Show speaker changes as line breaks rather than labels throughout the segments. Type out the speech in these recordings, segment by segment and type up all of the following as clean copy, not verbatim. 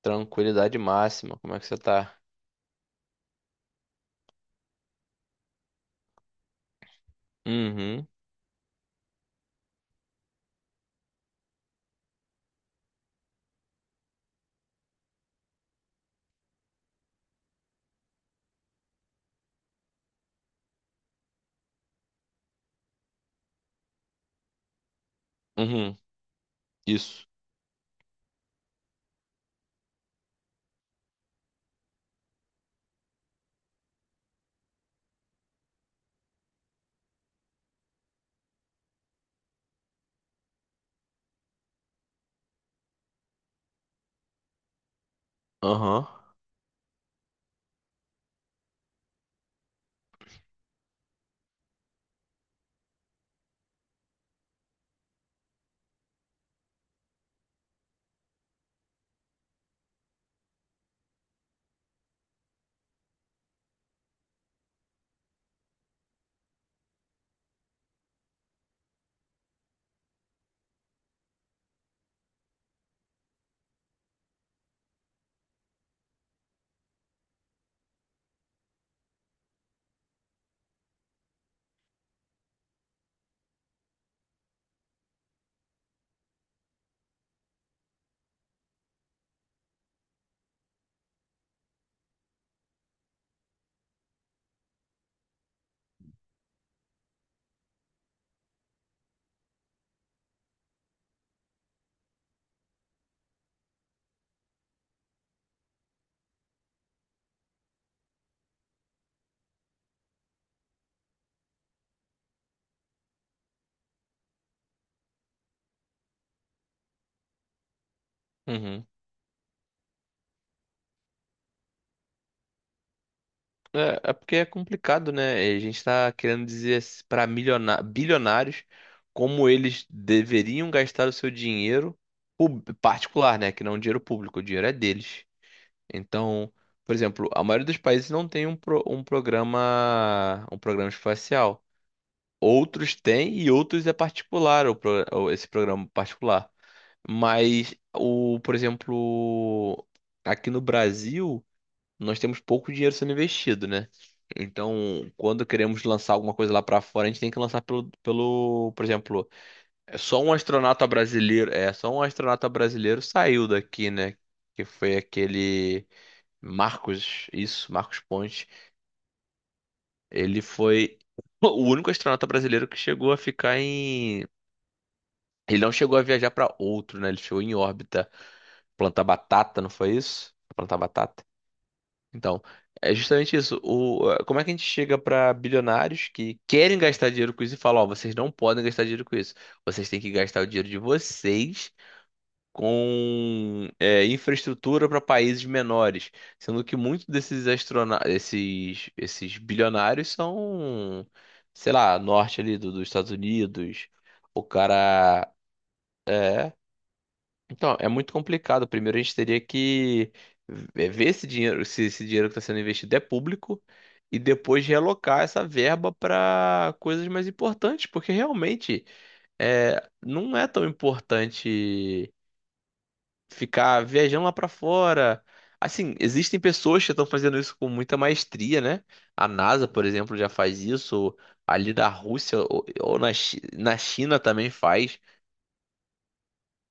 Tranquilidade máxima. Como é que você tá? Uhum. Uhum. Isso. Aham. Uhum. É porque é complicado, né? A gente tá querendo dizer para milionários bilionários como eles deveriam gastar o seu dinheiro particular, né? Que não é um dinheiro público, o dinheiro é deles. Então, por exemplo, a maioria dos países não tem um programa espacial. Outros têm e outros é particular esse programa particular. Mas por exemplo, aqui no Brasil, nós temos pouco dinheiro sendo investido, né? Então, quando queremos lançar alguma coisa lá pra fora, a gente tem que lançar por exemplo, é só um astronauta brasileiro, é só um astronauta brasileiro saiu daqui, né? Que foi aquele Marcos, isso, Marcos Pontes. Ele foi o único astronauta brasileiro que chegou a ficar em. Ele não chegou a viajar para outro, né? Ele chegou em órbita, plantar batata, não foi isso? Plantar batata. Então, é justamente isso. Como é que a gente chega para bilionários que querem gastar dinheiro com isso e fala, ó, vocês não podem gastar dinheiro com isso. Vocês têm que gastar o dinheiro de vocês com infraestrutura para países menores, sendo que muitos desses astrona esses bilionários são, sei lá, norte ali dos Estados Unidos. O cara eh, então, é muito complicado. Primeiro, a gente teria que ver esse dinheiro, se esse dinheiro que está sendo investido é público, e depois realocar essa verba para coisas mais importantes, porque realmente é, não é tão importante ficar viajando lá para fora. Assim, existem pessoas que estão fazendo isso com muita maestria, né? A NASA, por exemplo, já faz isso, ali da Rússia na China também faz.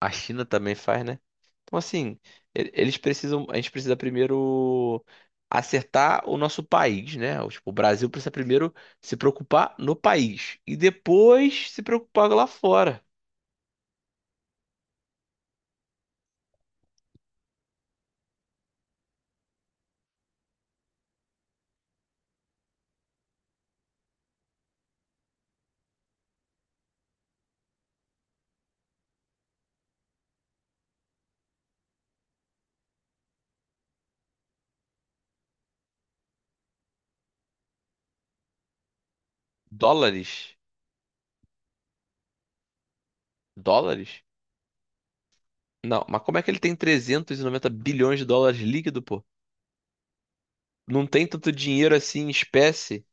A China também faz, né? Então, assim, eles precisam. A gente precisa primeiro acertar o nosso país, né? O, tipo, o Brasil precisa primeiro se preocupar no país e depois se preocupar lá fora. Dólares? Dólares? Não, mas como é que ele tem 390 bilhões de dólares líquido, pô? Não tem tanto dinheiro assim em espécie?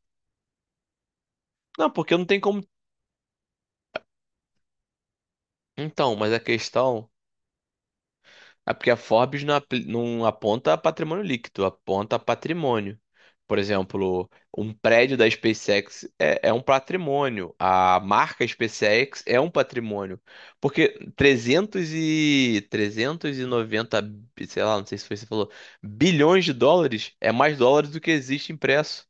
Não, porque não tem como. Então, mas a questão. É porque a Forbes não aponta patrimônio líquido, aponta patrimônio. Por exemplo, um prédio da SpaceX é um patrimônio, a marca SpaceX é um patrimônio. Porque 300 e 390, sei lá, não sei se foi você falou, bilhões de dólares é mais dólares do que existe impresso.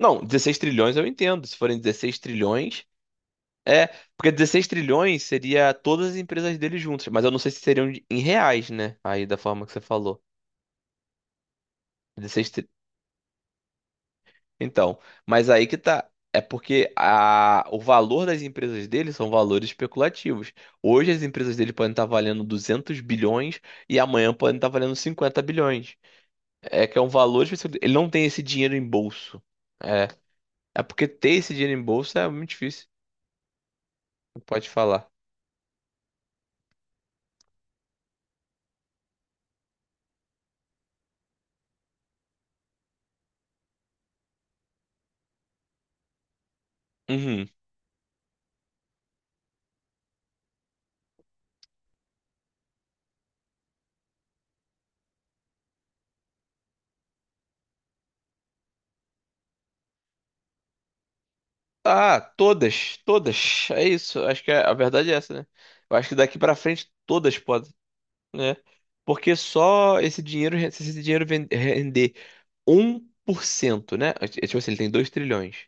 Não, dezesseis trilhões eu entendo. Se forem 16 trilhões, é, porque 16 trilhões seria todas as empresas dele juntas, mas eu não sei se seriam em reais, né? Aí da forma que você falou. Dezesseis tri... Então, mas aí que tá. É porque o valor das empresas dele são valores especulativos. Hoje as empresas dele podem estar valendo 200 bilhões e amanhã podem estar valendo 50 bilhões. É que é um valor específico. Ele não tem esse dinheiro em bolso. É. É porque ter esse dinheiro em bolso é muito difícil. Pode falar. Uhum. Ah, todas, todas. É isso. Acho que a verdade é essa, né? Eu acho que daqui pra frente todas podem, né? Porque só esse dinheiro, se esse dinheiro render 1%, né? Tipo assim, ele tem 2 trilhões.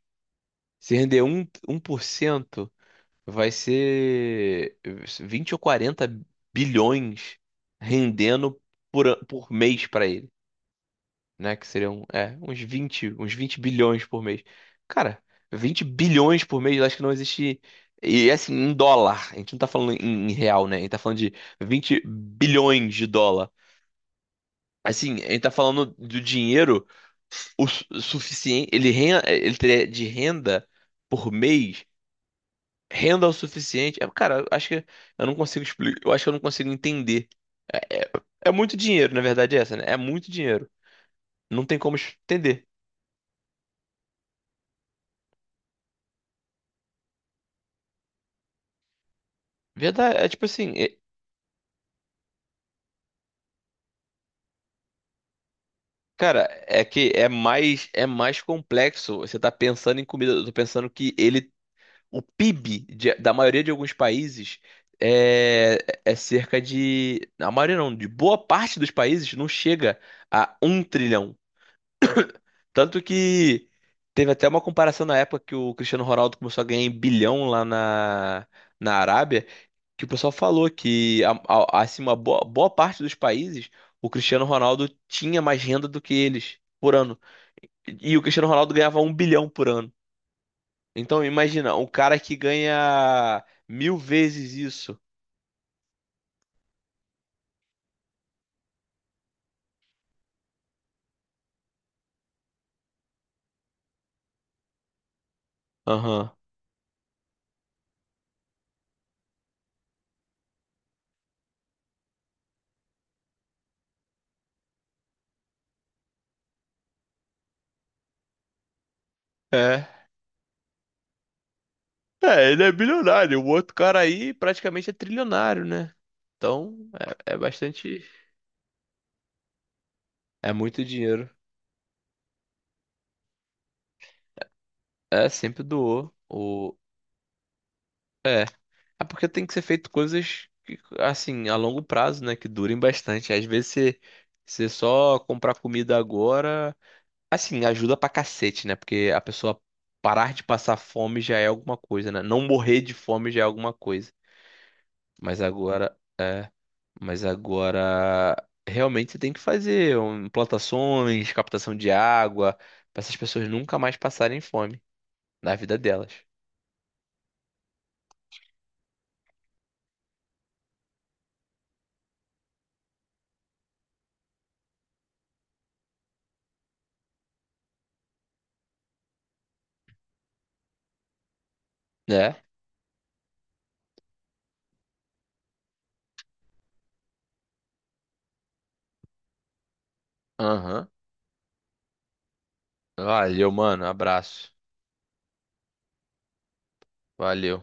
Se render um por cento, vai ser 20 ou 40 bilhões rendendo por mês pra ele, né? Que seriam, é, uns 20 bilhões por mês. Cara, 20 bilhões por mês, eu acho que não existe. E assim, em dólar. A gente não tá falando em, em real, né? A gente tá falando de 20 bilhões de dólar. Assim, a gente tá falando do dinheiro o suficiente. Ele teria de renda por mês. Renda o suficiente. É, cara, eu acho que eu não consigo explicar. Eu acho que eu não consigo entender. É, é, é muito dinheiro, na verdade, é essa, né? É muito dinheiro. Não tem como entender. Verdade, é tipo assim, é, cara, é que é mais complexo. Você tá pensando em comida, eu tô pensando que ele o PIB da maioria de alguns países é cerca de, a maioria não, de boa parte dos países não chega a um trilhão. Tanto que teve até uma comparação na época que o Cristiano Ronaldo começou a ganhar em bilhão lá na Arábia, que o pessoal falou que assim boa parte dos países, o Cristiano Ronaldo tinha mais renda do que eles por ano. E o Cristiano Ronaldo ganhava um bilhão por ano. Então imagina, um cara que ganha mil vezes isso. Aham. É. É, ele é bilionário. O outro cara aí praticamente é trilionário, né? Então é, é bastante. É muito dinheiro. É, sempre doou. O... É porque tem que ser feito coisas que, assim, a longo prazo, né? Que durem bastante. Às vezes você, você só comprar comida agora. Assim, ajuda pra cacete, né? Porque a pessoa parar de passar fome já é alguma coisa, né? Não morrer de fome já é alguma coisa. Mas agora, é, mas agora realmente você tem que fazer um, plantações, captação de água, pra essas pessoas nunca mais passarem fome na vida delas, né? Aham. Valeu, mano. Abraço. Valeu.